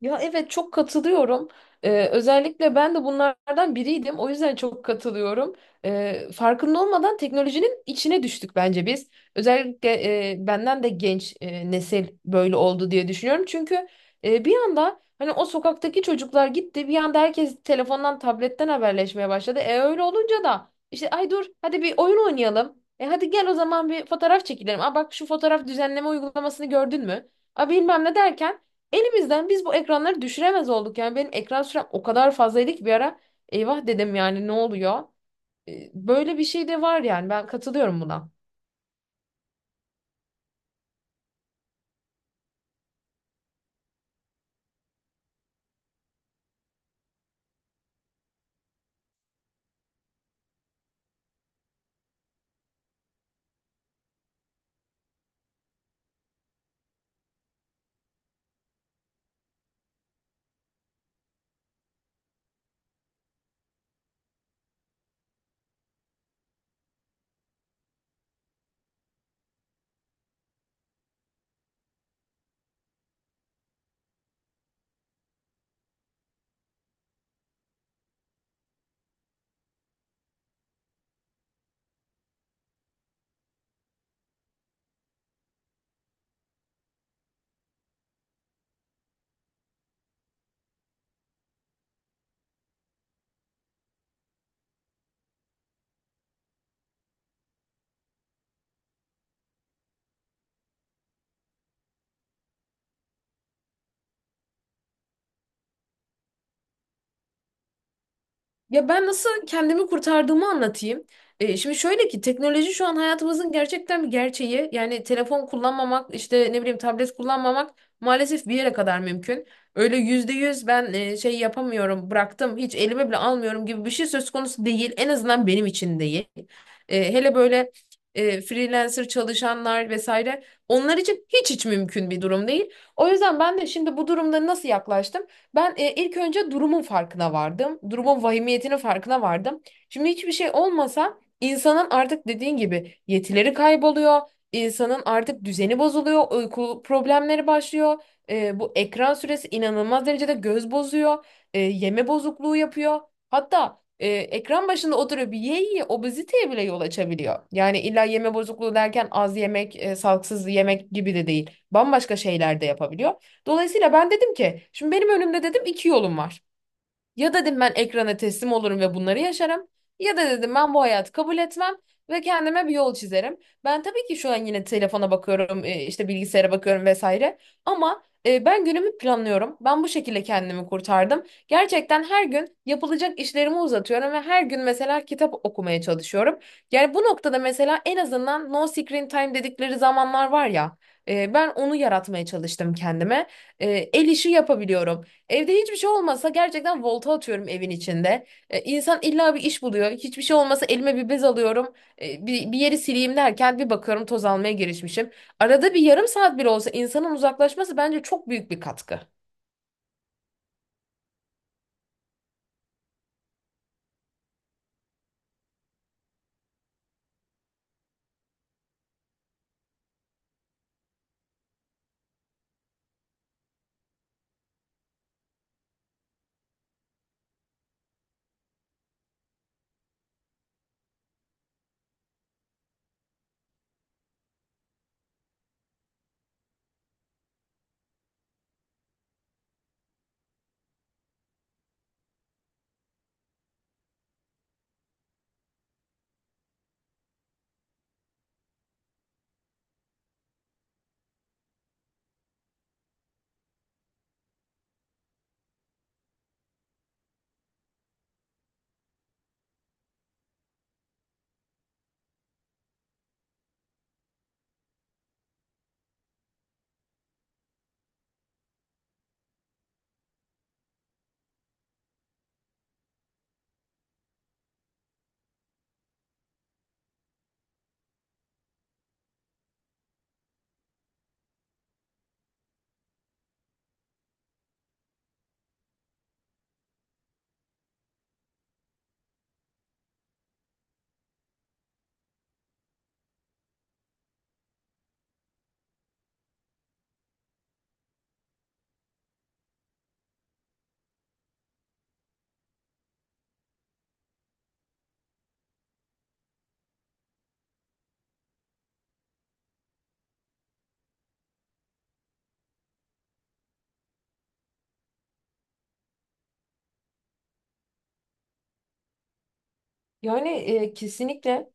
Ya, evet, çok katılıyorum. Özellikle ben de bunlardan biriydim. O yüzden çok katılıyorum. Farkında olmadan teknolojinin içine düştük bence biz. Özellikle benden de genç nesil böyle oldu diye düşünüyorum. Çünkü bir anda hani o sokaktaki çocuklar gitti. Bir anda herkes telefondan, tabletten haberleşmeye başladı. E öyle olunca da işte ay dur hadi bir oyun oynayalım. E hadi gel o zaman bir fotoğraf çekilelim. Aa bak şu fotoğraf düzenleme uygulamasını gördün mü? Aa bilmem ne derken. Elimizden biz bu ekranları düşüremez olduk. Yani benim ekran sürem o kadar fazlaydı ki bir ara eyvah dedim, yani ne oluyor? Böyle bir şey de var, yani ben katılıyorum buna. Ya ben nasıl kendimi kurtardığımı anlatayım. Şimdi şöyle ki teknoloji şu an hayatımızın gerçekten bir gerçeği. Yani telefon kullanmamak, işte ne bileyim tablet kullanmamak maalesef bir yere kadar mümkün. Öyle yüzde yüz ben şey yapamıyorum, bıraktım, hiç elime bile almıyorum gibi bir şey söz konusu değil. En azından benim için değil. Hele böyle freelancer çalışanlar vesaire onlar için hiç mümkün bir durum değil. O yüzden ben de şimdi bu durumda nasıl yaklaştım? Ben ilk önce durumun farkına vardım. Durumun vahimiyetinin farkına vardım. Şimdi hiçbir şey olmasa insanın artık dediğin gibi yetileri kayboluyor. İnsanın artık düzeni bozuluyor. Uyku problemleri başlıyor. Bu ekran süresi inanılmaz derecede göz bozuyor. Yeme bozukluğu yapıyor. Hatta ekran başında oturuyor bir ye obeziteye bile yol açabiliyor. Yani illa yeme bozukluğu derken az yemek, sağlıksız yemek gibi de değil. Bambaşka şeyler de yapabiliyor. Dolayısıyla ben dedim ki şimdi benim önümde dedim iki yolum var. Ya dedim ben ekrana teslim olurum ve bunları yaşarım. Ya da dedim ben bu hayatı kabul etmem ve kendime bir yol çizerim. Ben tabii ki şu an yine telefona bakıyorum, işte bilgisayara bakıyorum vesaire. Ama ben günümü planlıyorum. Ben bu şekilde kendimi kurtardım. Gerçekten her gün yapılacak işlerimi uzatıyorum ve her gün mesela kitap okumaya çalışıyorum. Yani bu noktada mesela en azından no screen time dedikleri zamanlar var ya. Ben onu yaratmaya çalıştım kendime. E, El işi yapabiliyorum. Evde hiçbir şey olmasa gerçekten volta atıyorum evin içinde. İnsan illa bir iş buluyor. Hiçbir şey olmasa elime bir bez alıyorum. Bir yeri sileyim derken bir bakıyorum toz almaya girişmişim. Arada bir yarım saat bile olsa insanın uzaklaşması bence çok büyük bir katkı. Yani, kesinlikle.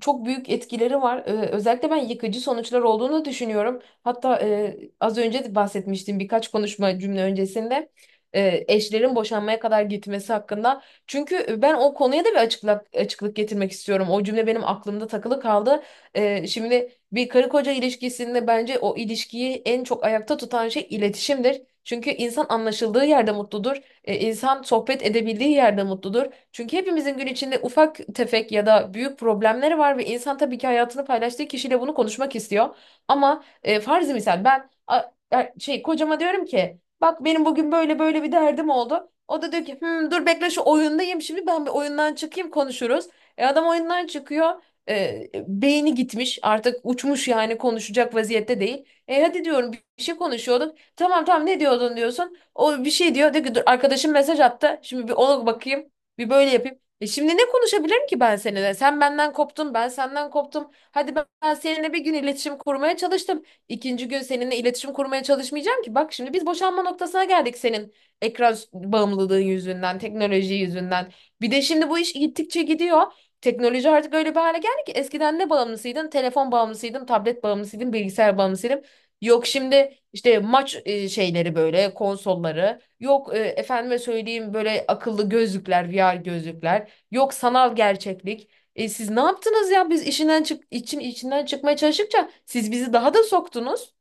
Çok büyük etkileri var. Özellikle ben yıkıcı sonuçlar olduğunu düşünüyorum. Hatta az önce de bahsetmiştim birkaç konuşma cümle öncesinde eşlerin boşanmaya kadar gitmesi hakkında. Çünkü ben o konuya da bir açıklık getirmek istiyorum. O cümle benim aklımda takılı kaldı. Şimdi bir karı koca ilişkisinde bence o ilişkiyi en çok ayakta tutan şey iletişimdir. Çünkü insan anlaşıldığı yerde mutludur. İnsan sohbet edebildiği yerde mutludur. Çünkü hepimizin gün içinde ufak tefek ya da büyük problemleri var ve insan tabii ki hayatını paylaştığı kişiyle bunu konuşmak istiyor. Ama e, farzı misal ben a- a- şey, kocama diyorum ki bak benim bugün böyle böyle bir derdim oldu. O da diyor ki: "Hmm, dur bekle, şu oyundayım, şimdi ben bir oyundan çıkayım, konuşuruz." Adam oyundan çıkıyor. E, Beyni gitmiş, artık uçmuş, yani konuşacak vaziyette değil. E hadi diyorum, bir şey konuşuyorduk. Tamam tamam, ne diyordun diyorsun. O bir şey diyor. Diyor ki dur, arkadaşım mesaj attı. Şimdi bir ona bakayım. Bir böyle yapayım. E şimdi ne konuşabilirim ki ben seninle? Sen benden koptun, ben senden koptum. Hadi ben seninle bir gün iletişim kurmaya çalıştım. İkinci gün seninle iletişim kurmaya çalışmayacağım ki. Bak şimdi biz boşanma noktasına geldik senin bağımlılığın yüzünden, teknoloji yüzünden. Bir de şimdi bu iş gittikçe gidiyor. Teknoloji artık öyle bir hale geldi ki eskiden ne bağımlısıydın? Telefon bağımlısıydın, tablet bağımlısıydın, bilgisayar bağımlısıydın. Yok şimdi işte maç şeyleri, böyle konsolları. Yok, efendime söyleyeyim, böyle akıllı gözlükler, VR gözlükler. Yok sanal gerçeklik. Siz ne yaptınız ya? Biz işinden çık için içinden çıkmaya çalıştıkça siz bizi daha da soktunuz.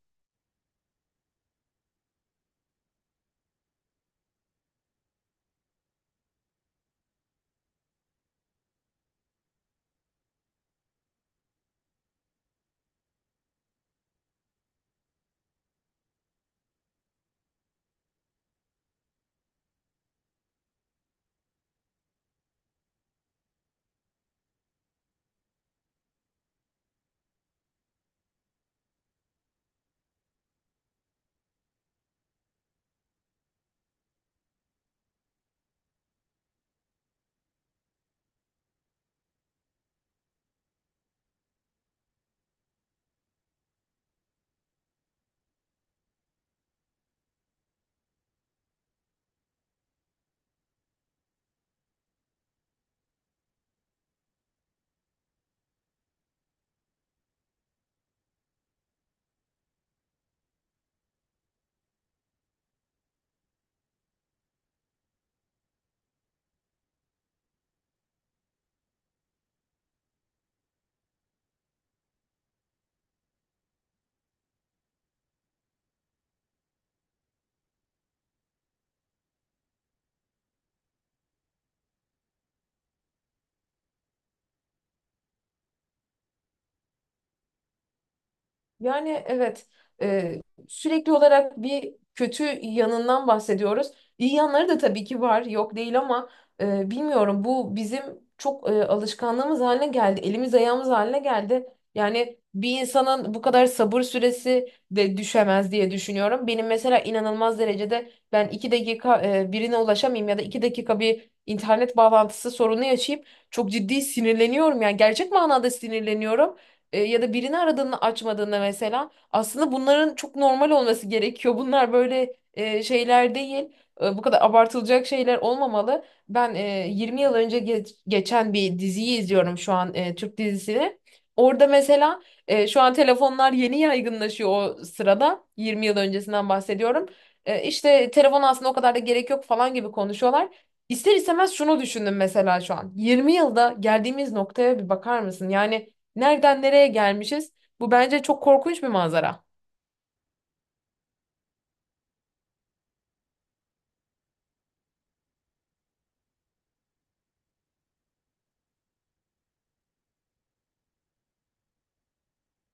Yani evet, e, sürekli olarak bir kötü yanından bahsediyoruz. İyi yanları da tabii ki var, yok değil, ama bilmiyorum, bu bizim çok alışkanlığımız haline geldi, elimiz ayağımız haline geldi. Yani bir insanın bu kadar sabır süresi de düşemez diye düşünüyorum. Benim mesela inanılmaz derecede, ben iki dakika birine ulaşamayayım ya da iki dakika bir internet bağlantısı sorunu yaşayıp çok ciddi sinirleniyorum. Yani gerçek manada sinirleniyorum. Ya da birini aradığını açmadığında mesela aslında bunların çok normal olması gerekiyor. Bunlar böyle şeyler değil. Bu kadar abartılacak şeyler olmamalı. Ben 20 yıl önce geçen bir diziyi izliyorum şu an, Türk dizisini. Orada mesela şu an telefonlar yeni yaygınlaşıyor o sırada. 20 yıl öncesinden bahsediyorum. İşte telefon aslında o kadar da gerek yok falan gibi konuşuyorlar. İster istemez şunu düşündüm mesela şu an. 20 yılda geldiğimiz noktaya bir bakar mısın? Yani nereden nereye gelmişiz? Bu bence çok korkunç bir manzara.